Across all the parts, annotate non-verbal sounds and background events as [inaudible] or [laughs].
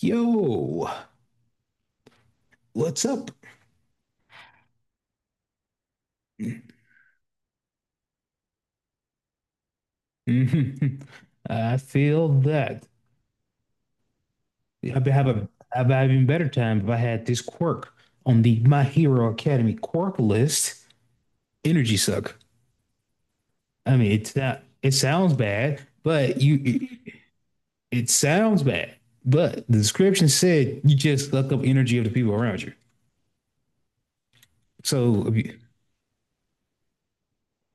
Yo, what's up? [laughs] Mhm. I feel that I'd be having I'd be having better time if I had this quirk on the My Hero Academy quirk list. Energy suck. I mean, it's not. It sounds bad, but you. It sounds bad, but the description said you just suck up energy of the people around you. So if you,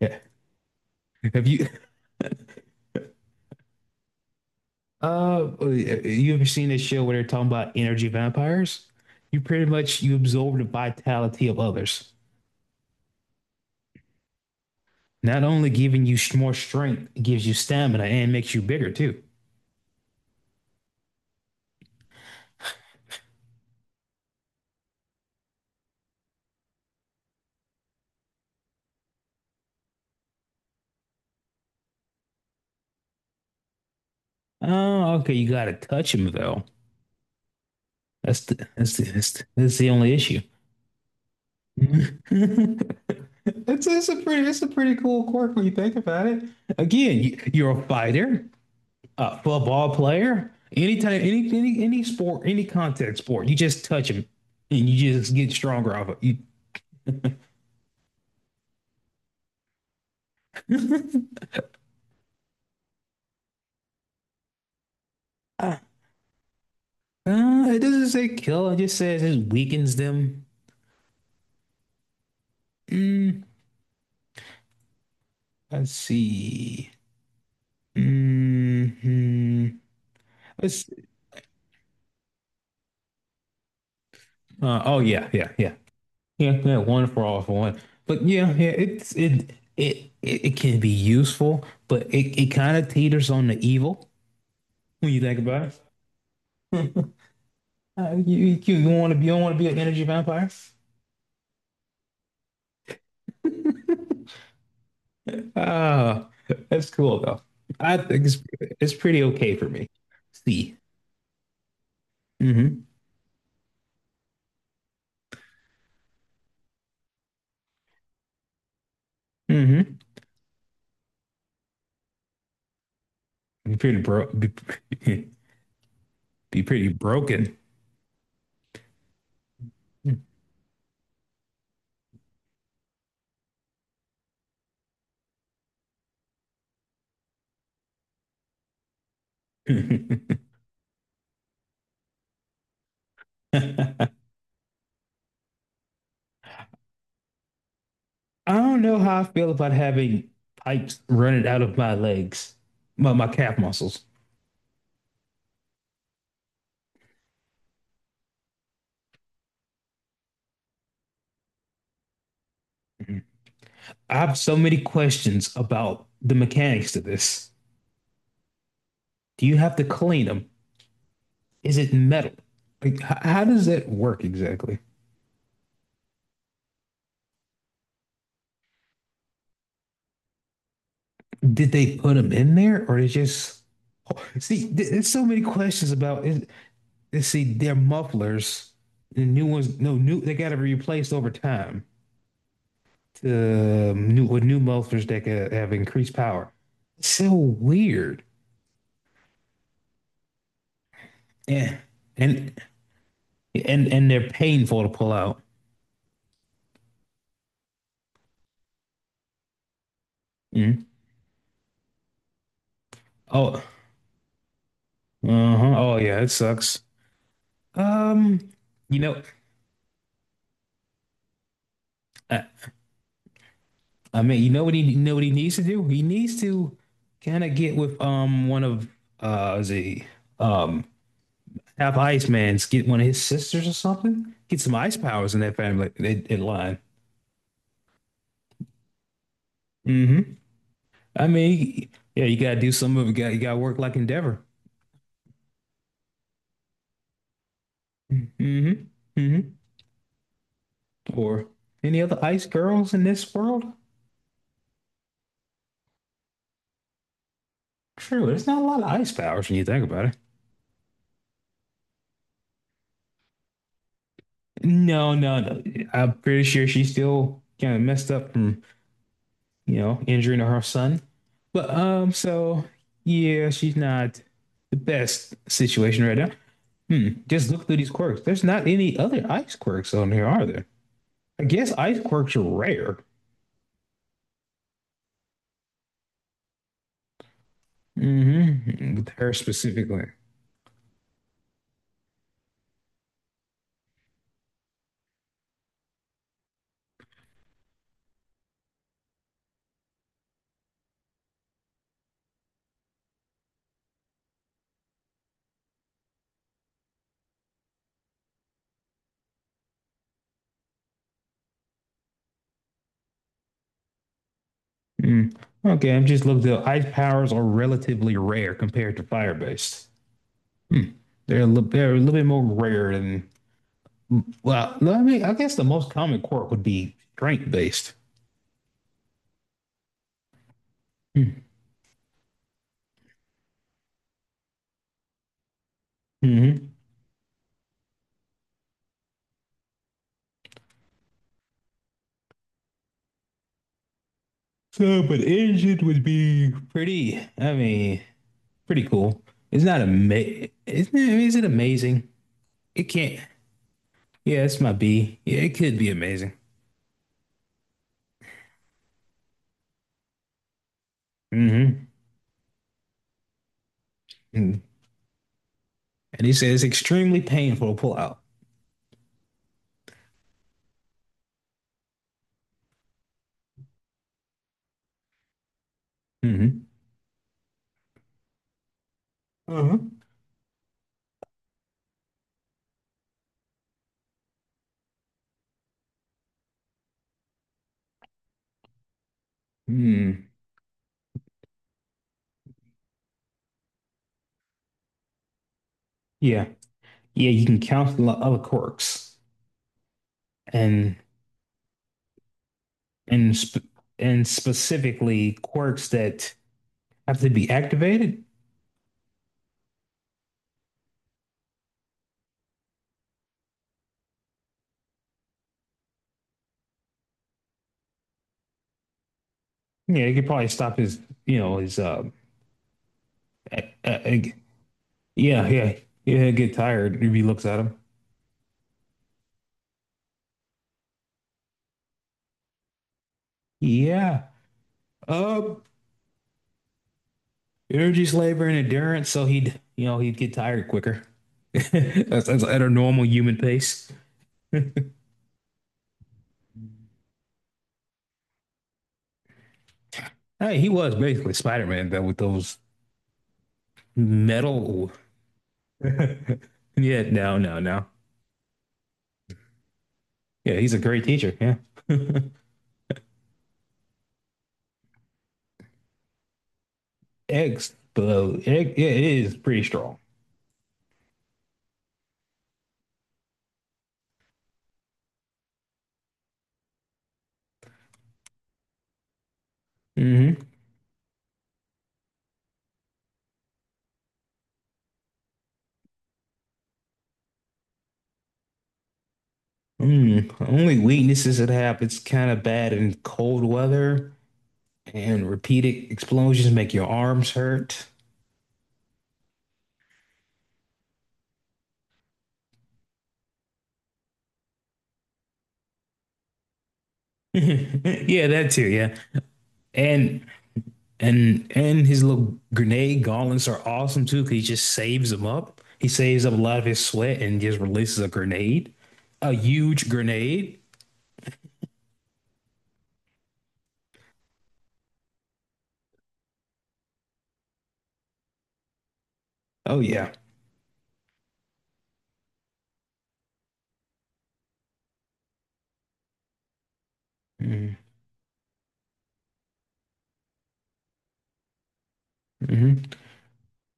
yeah, have you ever seen this show where they're talking about energy vampires? You pretty much you absorb the vitality of others. Not only giving you more strength, it gives you stamina and makes you bigger too. Oh, okay. You gotta touch him though. That's the only issue. [laughs] It's a pretty cool quirk when you think about it. Again, you're a fighter. A football player, anytime, any sport, any contact sport, you just touch him, and you just get stronger off of you. [laughs] uh, it doesn't say kill. It just says it weakens them. Mm, let's see. hmm Let's. Oh, yeah. One for all for one. But yeah. It can be useful, but it kind of teeters on the evil when you think about it. [laughs] You want to you don't want to be an energy vampire? [laughs] Ah, that's cool though. I think it's pretty okay for me. See. Mm-hmm. Mm-hmm. Be pretty bro be, [laughs] Be pretty broken. [laughs] I don't know how I feel about having pipes running out of my legs, my calf muscles. I have so many questions about the mechanics to this. Do you have to clean them? Is it metal? Like, how does that work exactly? Did they put them in there or they just [laughs] see? There's so many questions about it. See, they're mufflers. The new ones, no new. They got to be replaced over time to new with new mufflers that have increased power. So weird. Yeah, and and they're painful to pull out. Mm. Oh, uh-huh. Oh yeah, it sucks. Um, you know, I, I mean, you know what he needs to do? He needs to kind of get with one of is he um half ice man's, get one of his sisters or something. Get some ice powers in that family in line. Mm-hmm. I mean, yeah, you gotta do some of it. You gotta work like Endeavor. Mm-hmm. Mm-hmm. Or any other ice girls in this world? True, there's not a lot of ice powers when you think about it. No, no, no. I'm pretty sure she's still kind of messed up from you know, injuring her son. But so yeah, she's not the best situation right now. Hmm. Just look through these quirks. There's not any other ice quirks on here, are there? I guess ice quirks are rare. Mm-hmm. With her specifically. Hmm. Okay, I'm just looking. The ice powers are relatively rare compared to fire based. Hmm. They're a little bit more rare than. Well, I mean, I guess the most common quirk would be strength based. Hmm. hmm So, but Egypt would be pretty, I mean, pretty cool. It's not amazing. Isn't it, Is it amazing? It can't. Yeah, it's my B. Yeah, it could be amazing. Mm-hmm. Mm. And he says extremely painful to pull out. Mm-hmm. Uh-huh. Mm. Yeah. Yeah, you can count a lot of quirks and and sp- and specifically quirks that have to be activated. Yeah, it could probably stop his, you know, his uh, uh, yeah, yeah. Yeah, get tired. If he looks at him. Yeah. Uh, Energy's labor and endurance, so he'd, you know, he'd get tired quicker. [laughs] That's at a normal human pace. Hey, he was basically Spider-Man, but with those metal. [laughs] Yeah, no, no, no. Yeah, he's a great teacher. Yeah. Eggs, but egg, yeah, it is pretty strong. Hmm Mm. Only weaknesses it have, it's kind of bad in cold weather and repeated explosions make your arms hurt. [laughs] Yeah, that too. Yeah, and and his little grenade gauntlets are awesome too. Cause he just saves them up. He saves up a lot of his sweat and just releases a grenade, a huge grenade. Oh yeah. Mm-hmm.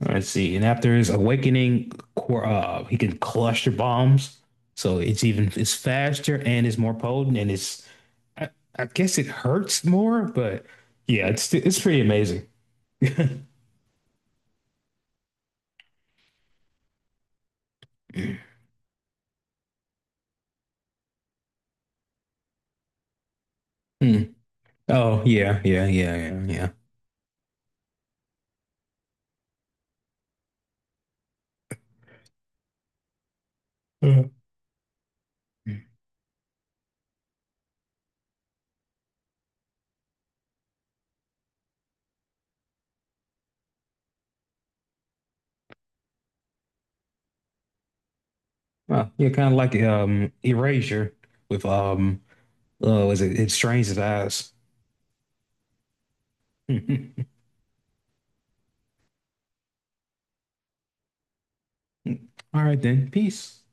Let's see. And after his awakening, he can cluster bombs, so it's even it's faster and it's more potent and it's I, I guess it hurts more, but yeah, it's pretty amazing. Hmm. Oh yeah. Uh, yeah, kind of like Erasure with was it It's Strange as Eyes. [laughs] All right then, peace.